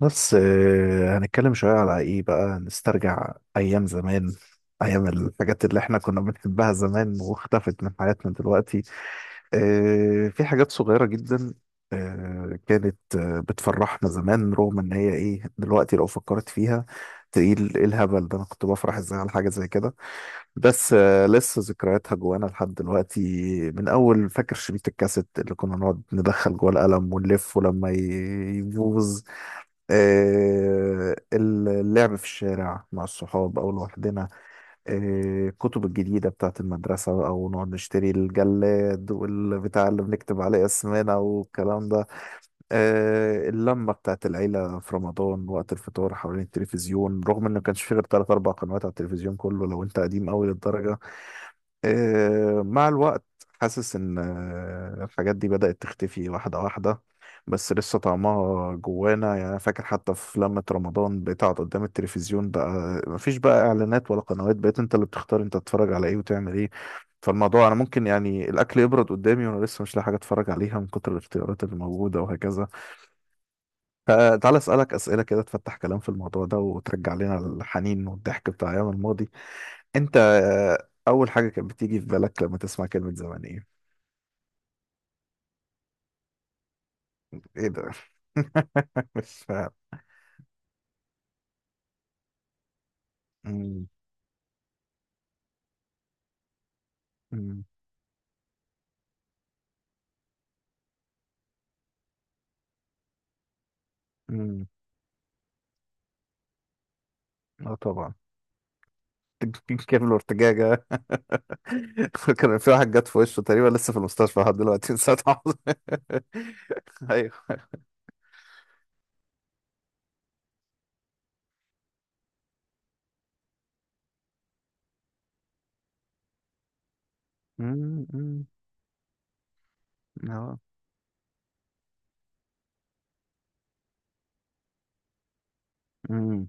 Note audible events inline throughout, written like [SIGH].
بس هنتكلم شوية على ايه بقى، نسترجع ايام زمان. ايام الحاجات اللي احنا كنا بنحبها زمان واختفت من حياتنا دلوقتي. في حاجات صغيرة جدا. كانت بتفرحنا زمان، رغم ان هي ايه دلوقتي لو فكرت فيها تقيل. ايه الهبل ده؟ انا كنت بفرح ازاي على حاجة زي كده؟ بس لسه ذكرياتها جوانا لحد دلوقتي. من اول، فاكر شريط الكاسيت اللي كنا نقعد ندخل جوه القلم ونلف، ولما يبوظ. اللعب في الشارع مع الصحاب أو لوحدنا. الكتب الجديدة بتاعت المدرسة، أو نقعد نشتري الجلاد والبتاع اللي بنكتب عليه اسمنا والكلام ده. اللمة بتاعت العيلة في رمضان وقت الفطار حوالين التلفزيون، رغم إنه ما كانش فيه غير تلات أربع قنوات على التلفزيون كله، لو أنت قديم أوي للدرجة. مع الوقت حاسس ان الحاجات دي بدأت تختفي واحدة واحدة. بس لسه طعمها جوانا، يعني أنا فاكر حتى في لمة رمضان بتقعد قدام التلفزيون، بقى مفيش بقى اعلانات ولا قنوات، بقيت انت اللي بتختار انت تتفرج على ايه وتعمل ايه. فالموضوع انا ممكن يعني الاكل يبرد قدامي وانا لسه مش لاقي حاجة اتفرج عليها من كتر الاختيارات اللي موجودة وهكذا. فتعالى اسألك اسئلة كده تفتح كلام في الموضوع ده وترجع لنا الحنين والضحك بتاع ايام الماضي. انت اول حاجه كانت بتيجي في بالك لما تسمع كلمه زمان ايه؟ ايه ده؟ [LAUGHS] مش فاهم. مم. مم. مم. اه طبعا. [LAUGHS] كامل ارتجاجة. [LAUGHS] كان في واحد جت في وشه، تقريبا لسه في المستشفى لحد دلوقتي [LAUGHS] من ساعة ما حصل. [LAUGHS] ايوه. مم. مم. اه. مم.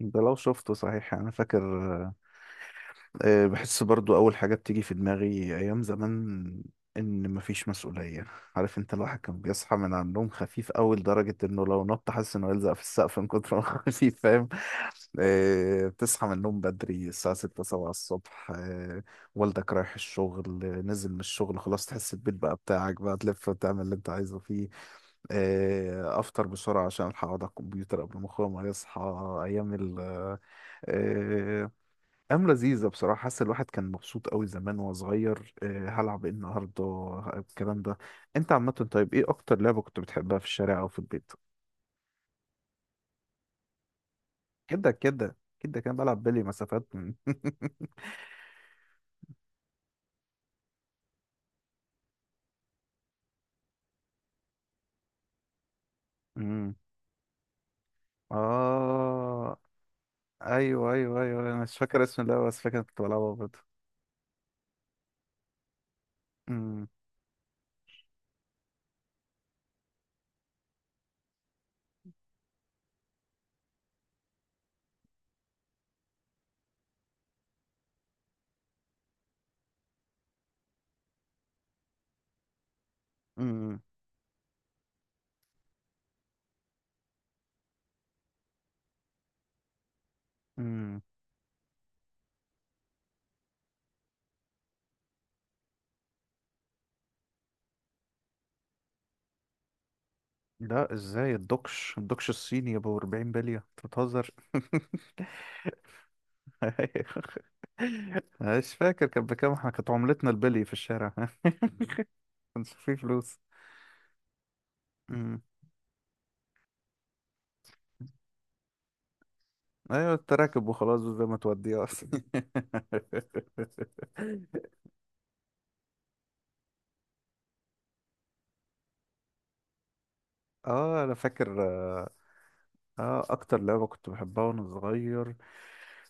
ده لو شفته صحيح، انا فاكر. بحس برضو أول حاجة بتيجي في دماغي أيام زمان إن مفيش مسؤولية. عارف أنت الواحد كان بيصحى من على النوم خفيف أوي لدرجة إنه لو نط حاسس إنه يلزق في السقف من كتر ما هو [LAUGHS] خفيف، فاهم؟ بتصحى من النوم بدري الساعة ستة سبعة الصبح، والدك رايح الشغل، نزل من الشغل خلاص، تحس البيت بقى بتاعك، بقى تلف وتعمل اللي أنت عايزه فيه. افطر بسرعه عشان الحق اقعد على الكمبيوتر قبل ما اخويا ما يصحى. ايام ال آه، أيام لذيذة بصراحة، حاسس الواحد كان مبسوط قوي زمان وهو صغير. هلعب ايه النهاردة؟ الكلام ده. انت عامة، طيب ايه أكتر لعبة كنت بتحبها في الشارع أو في البيت؟ كده كده كده، كان بلعب بلي مسافات [LAUGHS] امم. اه. ايوه ايوه ايوه، انا مش فاكر اسم اللعبه، بس فاكر كنت بلعبها برضه. امم. امم. امم. لا، ازاي؟ الدوكش الدوكش الصيني يا ابو 40 بليه، انت بتهزر! [LAUGHS] [LAUGHS] مش فاكر كانت بكام، احنا كانت عملتنا البلي في الشارع. [LAUGHS] كانش فيه فلوس. أمم. ايوه التراكب وخلاص، زي ما توديه اصلا. [LAUGHS] اه، انا فاكر. اه، اكتر لعبه كنت بحبها وانا صغير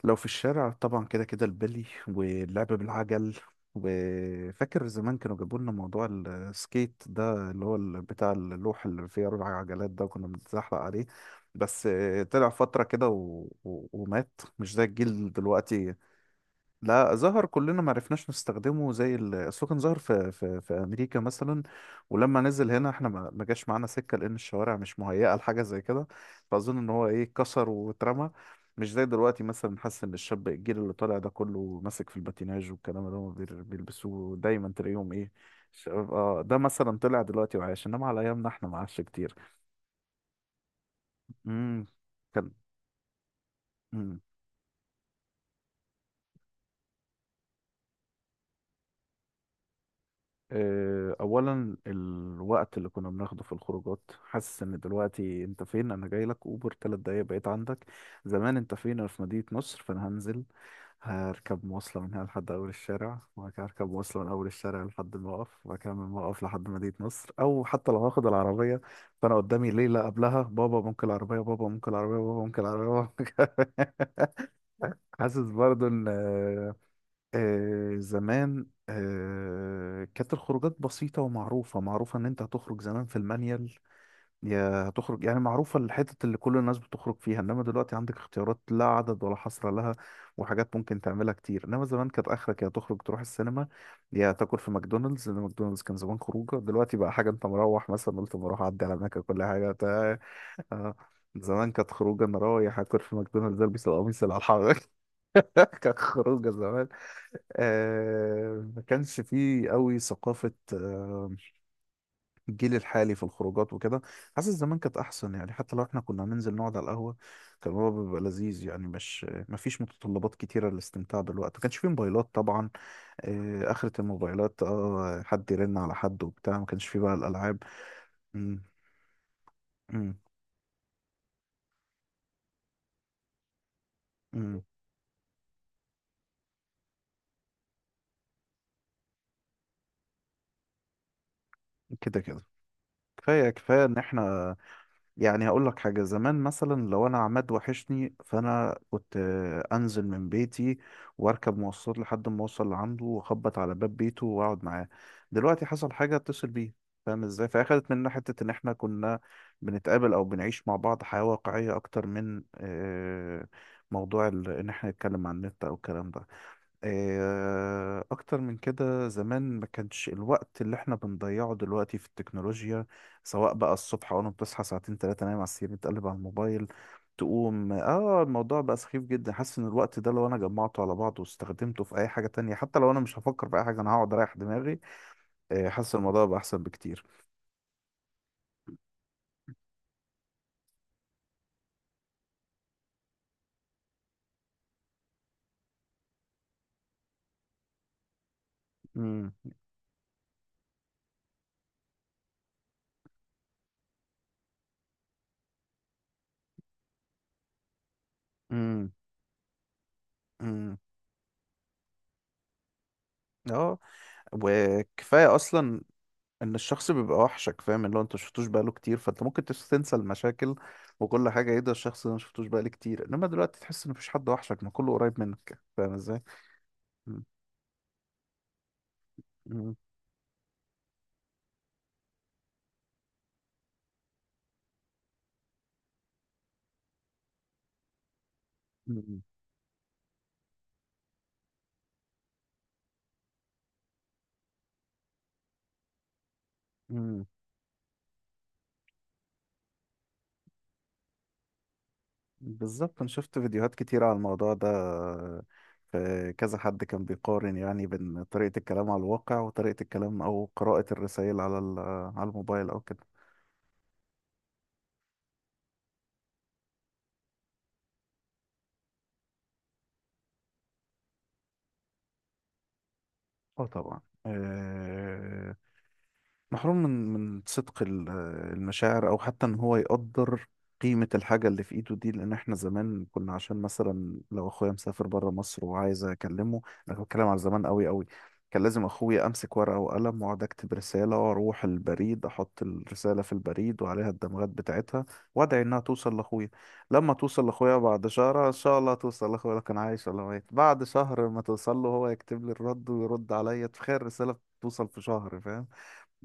لو في الشارع، طبعا كده كده البلي واللعب بالعجل. وفاكر زمان كانوا جابوا لنا موضوع السكيت ده، اللي هو بتاع اللوح اللي فيه 4 عجلات ده، كنا بنتزحلق عليه. بس طلع فترة كده و... و... ومات، مش زي الجيل دلوقتي. لا، ظهر، كلنا ما عرفناش نستخدمه زي اصله كان ظهر في امريكا مثلا. ولما نزل هنا احنا ما جاش معانا سكه، لان الشوارع مش مهيئه لحاجه زي كده. فاظن ان هو ايه، اتكسر واترمى. مش زي دلوقتي، مثلا حاسس ان الشاب الجيل اللي طالع ده كله ماسك في الباتيناج والكلام اللي هم بيلبسوه دايما، تلاقيهم ايه؟ شباب اه، ده مثلا طلع دلوقتي وعايش، انما على ايامنا احنا ما عادش كتير. امم كان. مم. اولا الوقت اللي كنا بناخده في الخروجات، حاسس ان دلوقتي انت فين، انا جاي لك اوبر 3 دقايق بقيت عندك. زمان انت فين؟ انا في مدينة نصر، فانا هنزل هركب مواصلة من هنا لحد اول الشارع، وبعد كده هركب مواصلة من اول الشارع لحد الموقف، وبعد كده من الموقف لحد مدينة نصر، او حتى لو هاخد العربية. فانا قدامي ليلة قبلها، بابا ممكن العربية، بابا ممكن العربية، بابا ممكن العربية، بابا ممكن العربية. [LAUGHS] حاسس برضو ان زمان كانت الخروجات بسيطة ومعروفة، معروفة إن أنت هتخرج زمان في المانيال، يا هتخرج، يعني معروفة الحتة اللي كل الناس بتخرج فيها، إنما دلوقتي عندك اختيارات لا عدد ولا حصر لها، وحاجات ممكن تعملها كتير. إنما زمان كانت آخرك يا تخرج تروح السينما، يا تاكل في ماكدونالدز، لأن ماكدونالدز كان زمان خروجة، دلوقتي بقى حاجة أنت مروح مثلا قلت مروح أعدي على ماكا كل حاجة آه. زمان كانت خروجة أنا رايح أكل في ماكدونالدز، ألبس القميص اللي على الحرارة. [LAUGHS] كانت خروجه زمان. ما كانش فيه قوي ثقافة الجيل الحالي في الخروجات وكده. حاسس زمان كانت أحسن، يعني حتى لو احنا كنا هننزل نقعد على القهوة، كان هو بيبقى لذيذ، يعني مش ما فيش متطلبات كتيرة للاستمتاع بالوقت، ما كانش فيه موبايلات طبعا. آخرة الموبايلات اه، حد يرن على حد وبتاع، ما كانش فيه بقى الألعاب. مم. مم. مم. كده كده، كفاية كفاية إن احنا، يعني هقول لك حاجة، زمان مثلا لو أنا عماد وحشني فأنا كنت أنزل من بيتي وأركب مواصلات لحد ما أوصل لعنده وأخبط على باب بيته وأقعد معاه. دلوقتي حصل حاجة أتصل بيه، فاهم إزاي؟ فأخدت مننا حتة إن إحنا كنا بنتقابل أو بنعيش مع بعض حياة واقعية أكتر من موضوع إن إحنا نتكلم عن النت أو الكلام ده. أكتر من كده زمان ما كانش الوقت اللي احنا بنضيعه دلوقتي في التكنولوجيا. سواء بقى الصبح أول ما بتصحى ساعتين تلاتة نايم على السرير بتقلب على الموبايل، تقوم اه، الموضوع بقى سخيف جدا. حاسس ان الوقت ده لو انا جمعته على بعضه واستخدمته في اي حاجة تانية، حتى لو انا مش هفكر في اي حاجة انا هقعد اريح دماغي. حاسس الموضوع بقى احسن بكتير. امم. امم. امم. اه وكفاية اصلا، ان الشخص بيبقى وحشك، فاهم، اللي هو انت مشفتوش بقاله كتير فانت ممكن تنسى المشاكل وكل حاجه. ايه ده، الشخص ده مشفتوش بقالي كتير، انما دلوقتي تحس ان مفيش حد وحشك، ما كله قريب منك، فاهم ازاي؟ م- م- م- م- بالظبط، انا شفت فيديوهات كتير على الموضوع ده. في كذا حد كان بيقارن يعني بين طريقه الكلام على الواقع وطريقه الكلام او قراءه الرسائل على على الموبايل او كده. اه طبعا. محروم من صدق المشاعر، او حتى ان هو يقدر قيمة الحاجة اللي في ايده دي، لان احنا زمان كنا، عشان مثلا لو اخويا مسافر بره مصر وعايز اكلمه، انا بتكلم على زمان قوي قوي، كان لازم اخويا امسك ورقة وقلم واقعد اكتب رسالة واروح البريد احط الرسالة في البريد وعليها الدمغات بتاعتها وادعي انها توصل لاخويا. لما توصل لاخويا بعد شهر، ان شاء الله توصل لاخويا، لو كان عايش ولا ميت، بعد شهر ما توصل له هو يكتب لي الرد ويرد عليا. تخيل الرسالة توصل في شهر، فاهم؟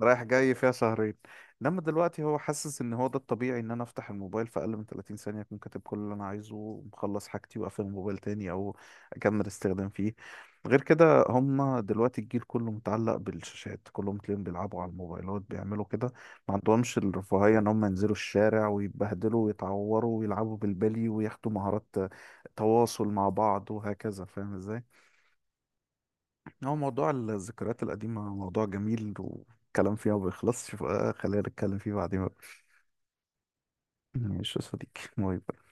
رايح جاي فيها شهرين. انما دلوقتي هو حاسس ان هو ده الطبيعي، ان انا افتح الموبايل في اقل من 30 ثانية اكون كاتب كل اللي انا عايزه ومخلص حاجتي واقفل الموبايل تاني، او اكمل استخدام فيه. غير كده، هم دلوقتي الجيل كله متعلق بالشاشات، كلهم تلاقيهم بيلعبوا على الموبايلات بيعملوا كده. ما عندهمش الرفاهية ان هم ينزلوا الشارع ويتبهدلوا ويتعوروا ويلعبوا بالبلي وياخدوا مهارات تواصل مع بعض وهكذا، فاهم ازاي؟ هو موضوع الذكريات القديمة موضوع جميل والكلام فيها ما بيخلصش، فخلينا نتكلم فيه بعدين بقى. ماشي يا صديقي، باي باي.